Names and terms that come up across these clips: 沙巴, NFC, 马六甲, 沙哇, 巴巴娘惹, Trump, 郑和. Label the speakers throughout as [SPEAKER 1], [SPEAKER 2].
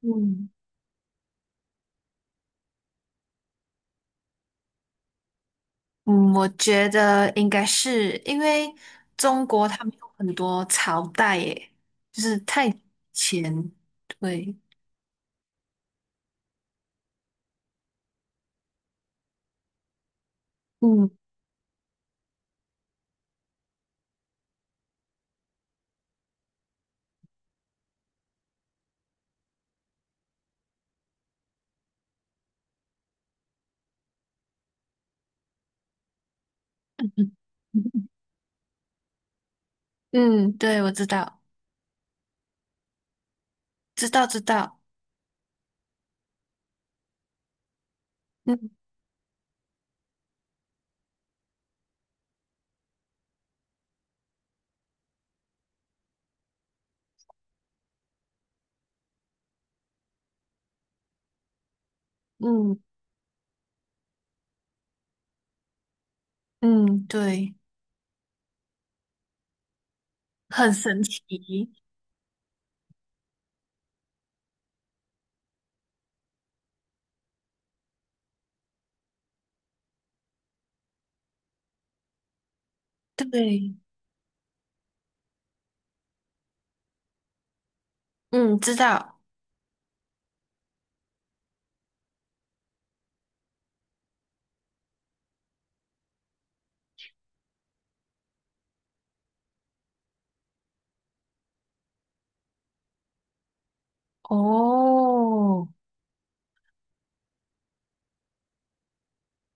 [SPEAKER 1] 嗯嗯，我觉得应该是因为中国他们有很多朝代耶，就是太前，对，嗯嗯，嗯对，我知道，知道知道，嗯嗯嗯，对，很神奇，对，嗯，知道，哦，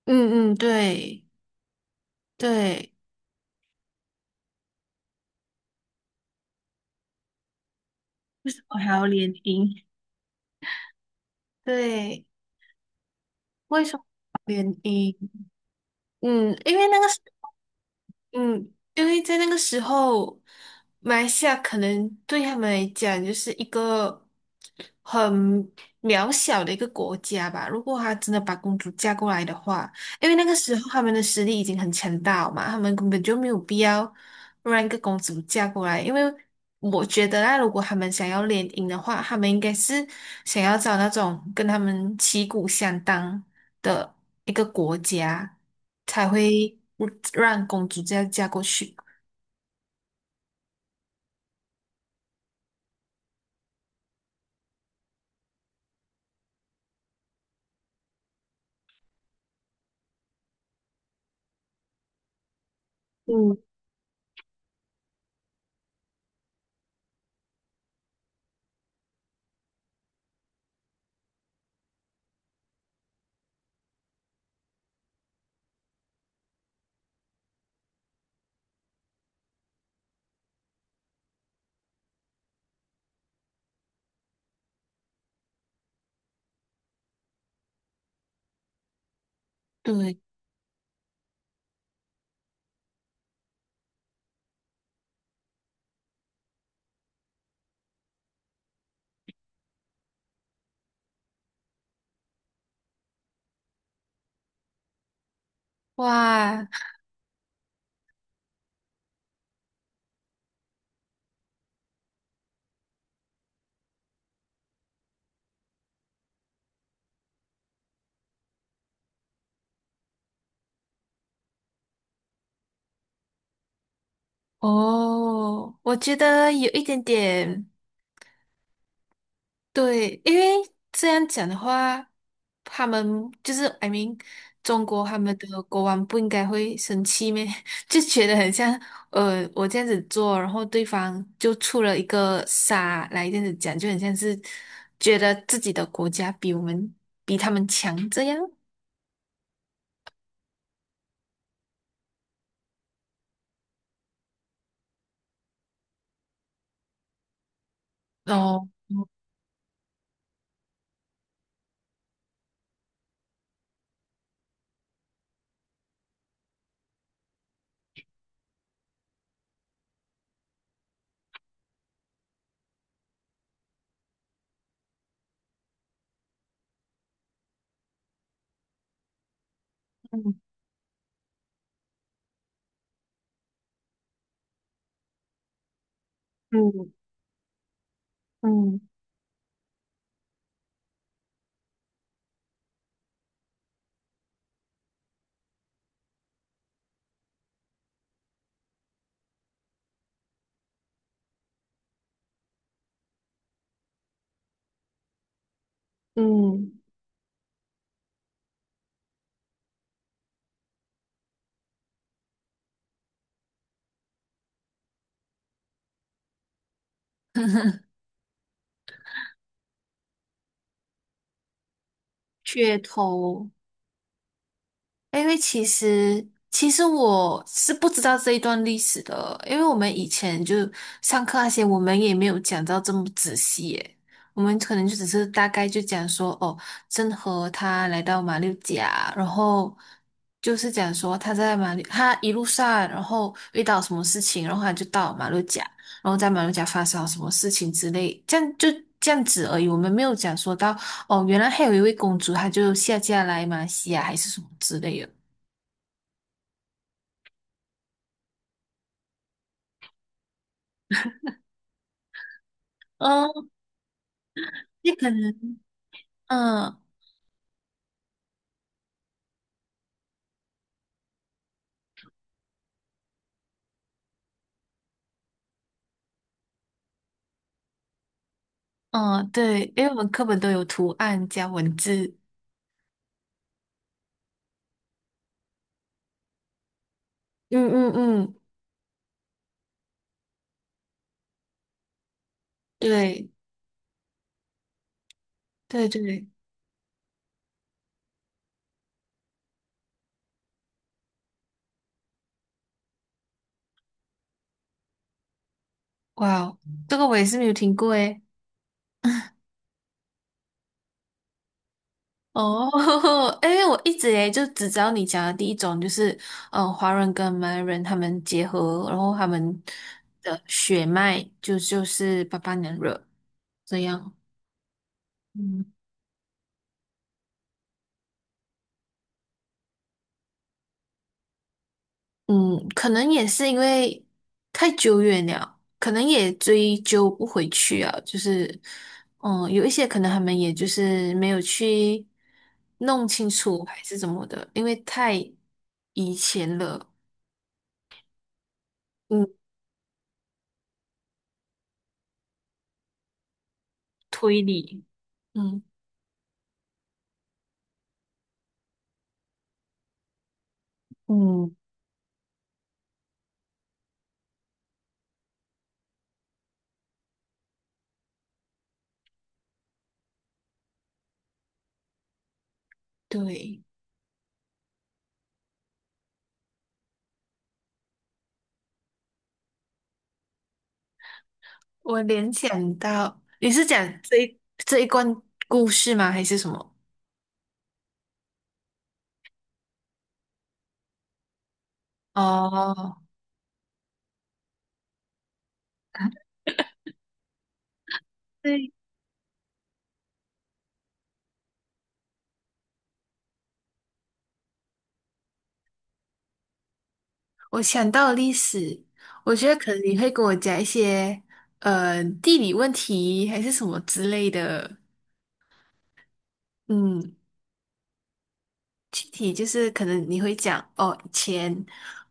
[SPEAKER 1] 嗯嗯，对对，为什么还要联姻？对，为什么要联姻？嗯，因为那个。嗯，因为在那个时候，马来西亚可能对他们来讲就是一个很渺小的一个国家吧。如果他真的把公主嫁过来的话，因为那个时候他们的实力已经很强大了嘛，他们根本就没有必要让一个公主嫁过来。因为我觉得啦，如果他们想要联姻的话，他们应该是想要找那种跟他们旗鼓相当。的一个国家才会让公主这样嫁过去。嗯，对，哇，哦，我觉得有一点点对，因为这样讲的话，他们就是 I mean，中国他们的国王不应该会生气咩？就觉得很像，我这样子做，然后对方就出了一个傻来这样子讲，就很像是觉得自己的国家比他们强这样。哦，嗯嗯嗯，嗯，噱头，因为其实我是不知道这一段历史的，因为我们以前就上课那些，我们也没有讲到这么仔细耶。我们可能就只是大概就讲说，哦，郑和他来到马六甲，然后就是讲说他在马六，他一路上然后遇到什么事情，然后他就到马六甲，然后在马六甲发生了什么事情之类，这样就这样子而已。我们没有讲说到哦，原来还有一位公主，她就下嫁来马来西亚还是什么之类的。嗯，也可能，嗯嗯，对，因为我们课本都有图案加文字。嗯嗯嗯，对对对，哇哦，这个我也是没有听过诶。哦，因为我一直诶就只知道你讲的第一种，就是华人跟马来人他们结合，然后他们的血脉就是巴巴娘惹这样。嗯，可能也是因为太久远了，可能也追究不回去啊。就是，嗯，有一些可能他们也就是没有去弄清楚还是怎么的，因为太以前了。嗯，推理，嗯，嗯，对，我联想到你是讲这一关故事吗？还是什么？哦，对。我想到历史，我觉得可能你会跟我讲一些地理问题还是什么之类的。嗯，具体就是可能你会讲哦，以前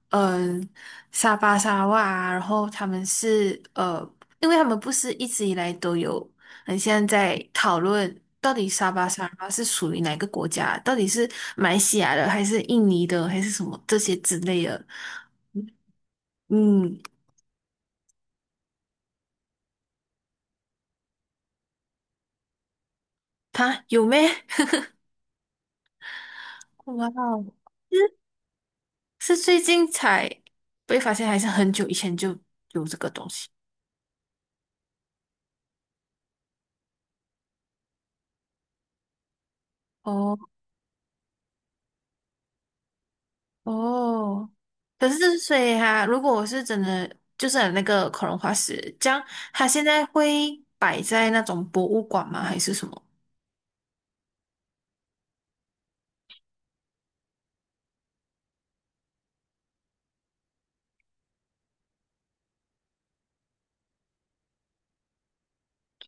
[SPEAKER 1] 嗯、呃沙巴沙哇啊然后他们是因为他们不是一直以来都有很像在讨论到底沙巴沙哇是属于哪个国家，到底是马来西亚的还是印尼的还是什么这些之类的。嗯，嗯他有咩？哇哦，是最近才被发现，还是很久以前就有这个东西？哦哦，可是所以哈、如果我是真的就是有那个恐龙化石，这样它现在会摆在那种博物馆吗？还是什么？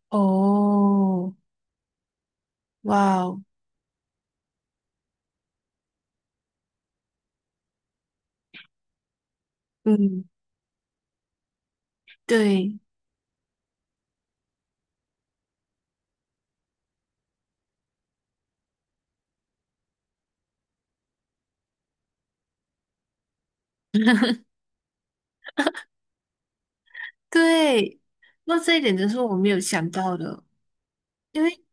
[SPEAKER 1] 哦，哇哦，嗯，对对，那这一点真是我没有想到的。因为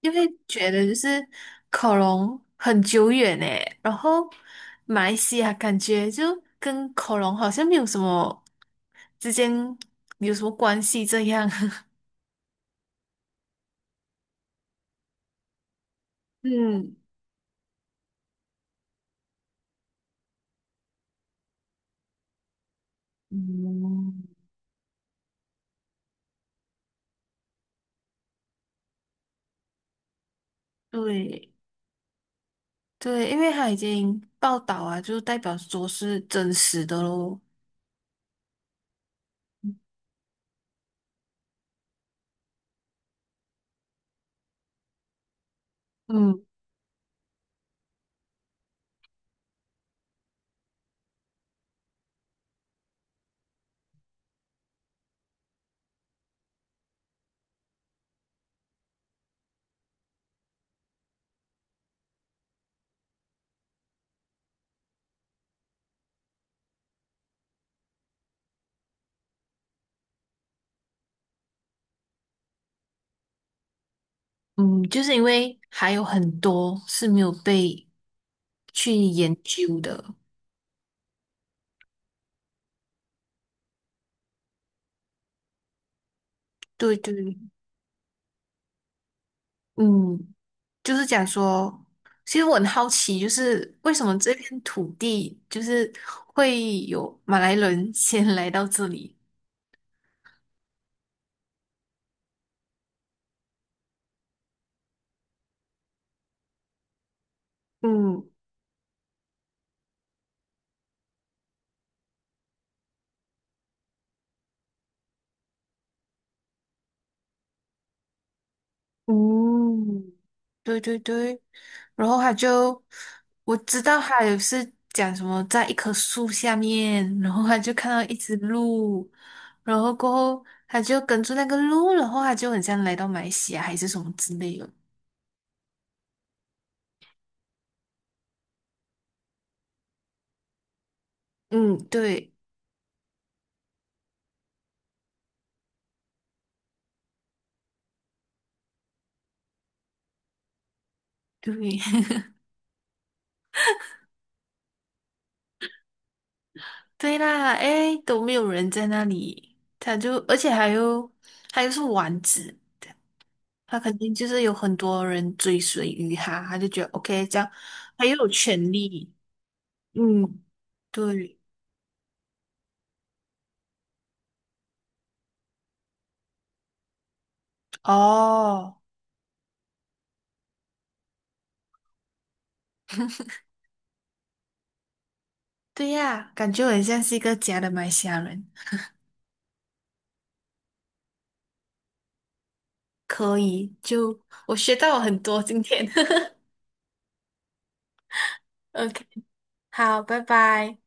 [SPEAKER 1] 因为觉得就是恐龙很久远诶，然后马来西亚感觉就跟恐龙好像没有什么之间有什么关系这样。嗯，嗯，对对，因为它已经报道啊，就代表说是真实的咯。嗯嗯，就是因为还有很多是没有被去研究的。对对，嗯。就是讲说，其实我很好奇，就是为什么这片土地就是会有马来人 先来到这里？嗯嗯对对对，然后他就我知道他有是讲什么在一棵树下面，然后他就看到一只鹿，然后过后他就跟着那个鹿，然后他就很像来到马来西亚还是什么之类的。嗯，对对，对啦，哎，都没有人在那里，他就，而且还有，他又是王子，他肯定就是有很多人追随于他，他就觉得 OK，这样他又有权利，嗯，对，哦，对呀，感觉我很像是一个假的马来西亚人，可以，就我学到了很多今天 ，OK，好，拜拜。